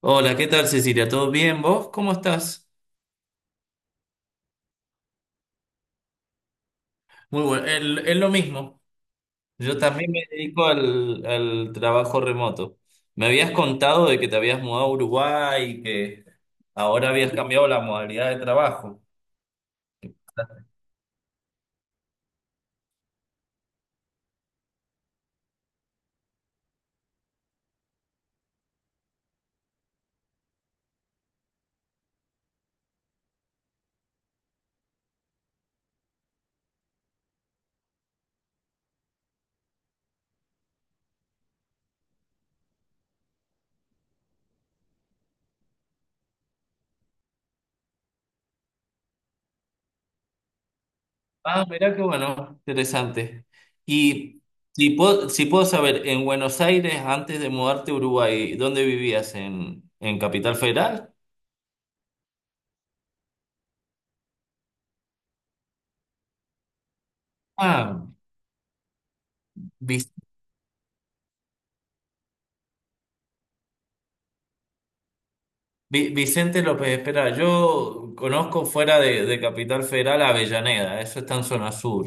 Hola, ¿qué tal Cecilia? ¿Todo bien? ¿Vos cómo estás? Muy bueno, es lo mismo. Yo también me dedico al trabajo remoto. Me habías contado de que te habías mudado a Uruguay y que ahora habías cambiado la modalidad de trabajo. Ah, mirá qué bueno, interesante. Y si puedo saber, en Buenos Aires, antes de mudarte a Uruguay, ¿dónde vivías? En Capital Federal? Ah, Vicente López, espera, yo conozco fuera de Capital Federal a Avellaneda, eso está en zona sur.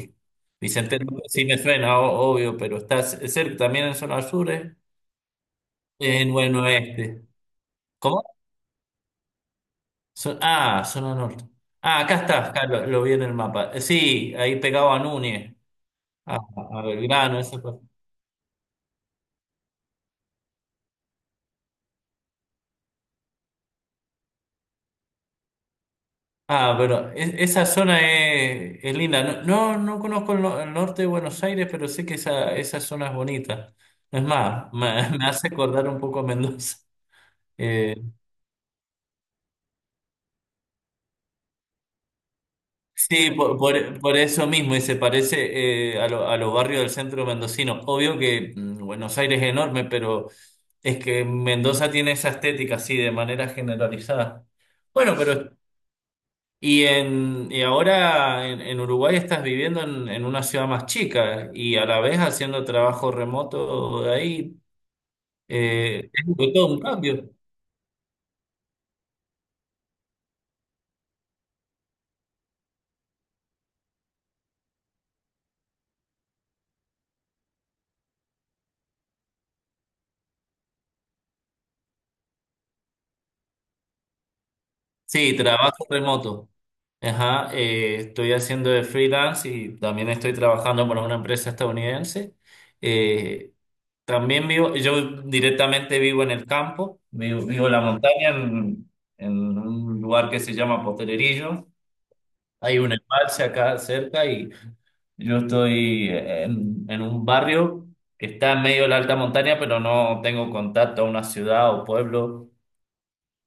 Vicente López sí me suena, obvio, pero está cerca también en zona sur, ¿eh? En buen oeste. ¿Cómo? Zona norte. Ah, acá está, lo vi en el mapa. Sí, ahí pegado a Núñez, a, a Belgrano, eso. Ah, pero esa zona es linda. No, no, no conozco el, no- el norte de Buenos Aires, pero sé que esa zona es bonita. Es más, me, me hace acordar un poco a Mendoza. Eh, sí, por eso mismo, y se parece a los barrios del centro mendocino. Obvio que Buenos Aires es enorme, pero es que Mendoza tiene esa estética así de manera generalizada. Bueno, pero y, y ahora en Uruguay estás viviendo en una ciudad más chica y a la vez haciendo trabajo remoto de ahí. Es todo un cambio. Sí, trabajo remoto. Ajá, estoy haciendo de freelance y también estoy trabajando para una empresa estadounidense. Eh, También vivo, yo directamente vivo en el campo, vivo en la montaña, en un lugar que se llama Potrerillo. Hay un embalse acá cerca y yo estoy en un barrio que está en medio de la alta montaña, pero no tengo contacto a una ciudad o pueblo.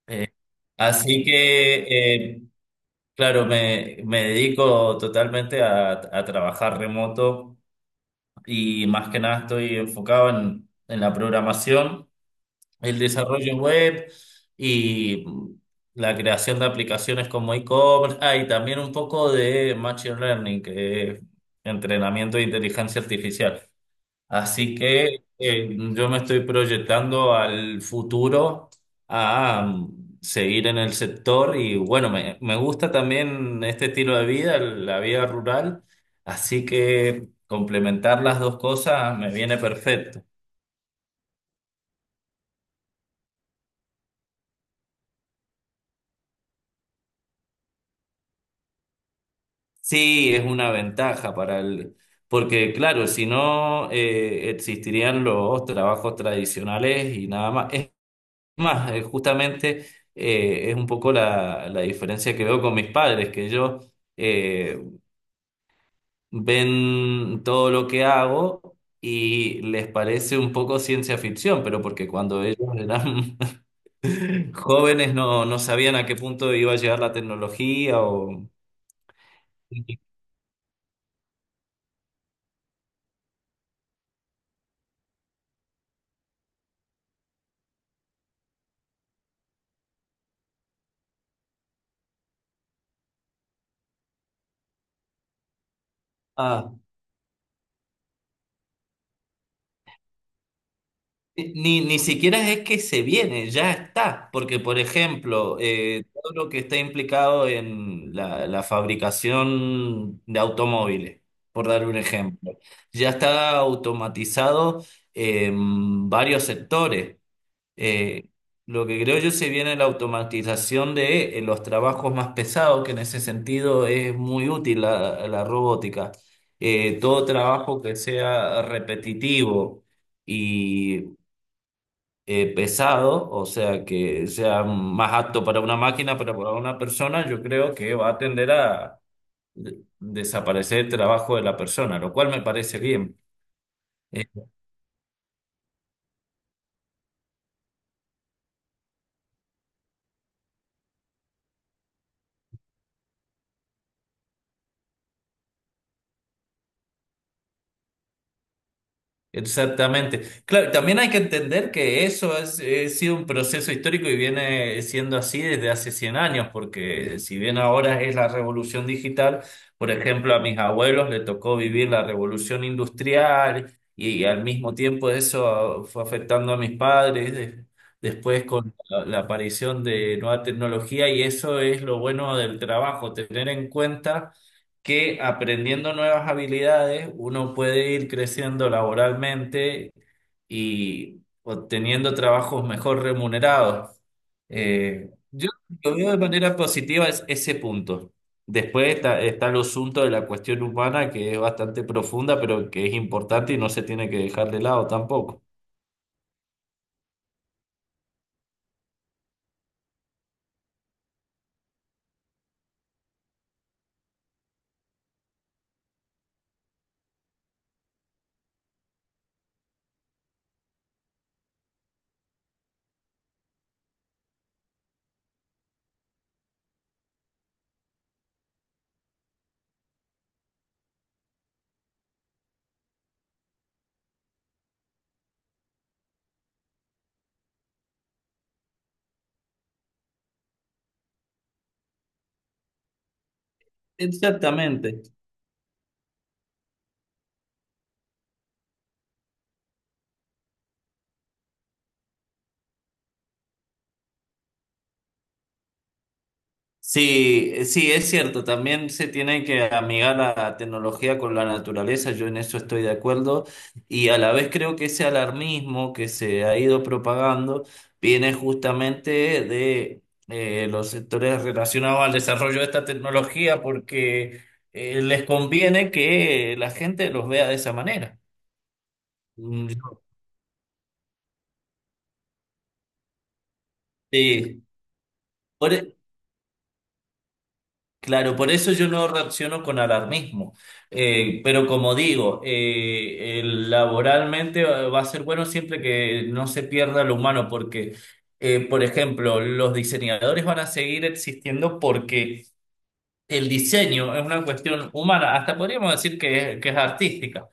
Eh, así que, eh, claro, me dedico totalmente a trabajar remoto y más que nada estoy enfocado en la programación, el desarrollo web y la creación de aplicaciones como e-commerce, ah, y también un poco de machine learning, que es entrenamiento de inteligencia artificial. Así que yo me estoy proyectando al futuro a seguir en el sector y bueno, me gusta también este estilo de vida, la vida rural, así que complementar las dos cosas me viene perfecto. Sí, es una ventaja para porque claro, si no existirían los trabajos tradicionales y nada más. Más, justamente es un poco la diferencia que veo con mis padres, que ellos eh, ven todo lo que hago y les parece un poco ciencia ficción, pero porque cuando ellos eran jóvenes no, no sabían a qué punto iba a llegar la tecnología o... ah, ni siquiera es que se viene, ya está. Porque, por ejemplo, todo lo que está implicado en la fabricación de automóviles, por dar un ejemplo, ya está automatizado en varios sectores. Eh, lo que creo yo se viene la automatización de los trabajos más pesados, que en ese sentido es muy útil la robótica. Todo trabajo que sea repetitivo. Y pesado, o sea, que sea más apto para una máquina, pero para una persona, yo creo que va a tender a desaparecer el trabajo de la persona, lo cual me parece bien. Exactamente. Claro, también hay que entender que eso ha sido un proceso histórico y viene siendo así desde hace 100 años, porque si bien ahora es la revolución digital, por ejemplo, a mis abuelos le tocó vivir la revolución industrial y, al mismo tiempo eso fue afectando a mis padres, después con la aparición de nueva tecnología y eso es lo bueno del trabajo, tener en cuenta que aprendiendo nuevas habilidades uno puede ir creciendo laboralmente y obteniendo trabajos mejor remunerados. Yo lo veo de manera positiva es ese punto. Después está el asunto de la cuestión humana, que es bastante profunda, pero que es importante y no se tiene que dejar de lado tampoco. Exactamente. Sí, sí, es cierto, también se tiene que amigar la tecnología con la naturaleza, yo en eso estoy de acuerdo, y a la vez creo que ese alarmismo que se ha ido propagando viene justamente de los sectores relacionados al desarrollo de esta tecnología porque les conviene que la gente los vea de esa manera. Mm, yo- Sí. Por, e Claro, por eso yo no reacciono con alarmismo. Pero como digo, el laboralmente va a ser bueno siempre que no se pierda lo humano, porque, por ejemplo, los diseñadores van a seguir existiendo porque el diseño es una cuestión humana, hasta podríamos decir que que es artística.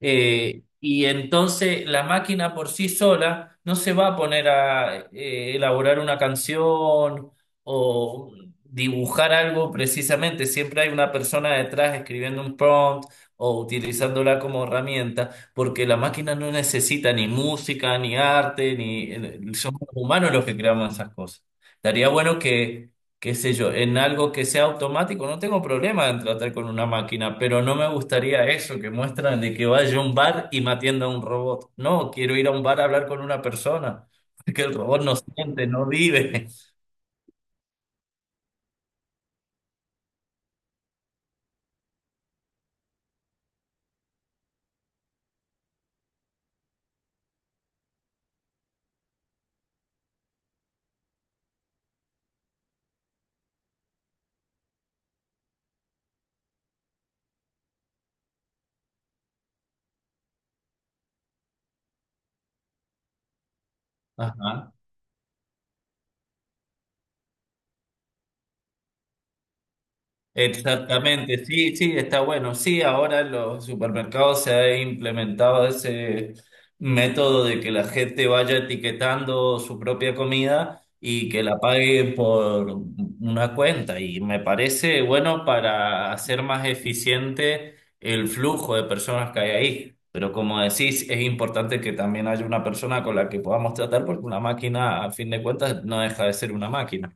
Y entonces la máquina por sí sola no se va a poner a elaborar una canción o dibujar algo precisamente. Siempre hay una persona detrás escribiendo un prompt o utilizándola como herramienta, porque la máquina no necesita ni música, ni arte, ni somos humanos los que creamos esas cosas. Estaría bueno que qué sé yo, en algo que sea automático, no tengo problema en tratar con una máquina, pero no me gustaría eso que muestran de que vaya a un bar y me atienda un robot. No, quiero ir a un bar a hablar con una persona, porque el robot no siente, no vive. Ajá. Exactamente, sí, sí, está bueno. Sí, ahora en los supermercados se ha implementado ese método de que la gente vaya etiquetando su propia comida y que la pague por una cuenta. Y me parece bueno para hacer más eficiente el flujo de personas que hay ahí. Pero como decís, es importante que también haya una persona con la que podamos tratar porque una máquina, a fin de cuentas, no deja de ser una máquina.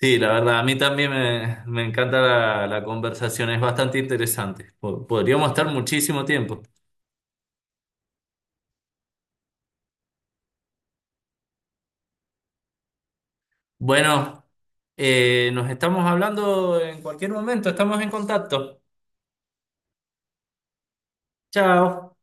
Sí, la verdad, a mí también me encanta la conversación, es bastante interesante. Podríamos estar muchísimo tiempo. Bueno, nos estamos hablando en cualquier momento, estamos en contacto. Chao.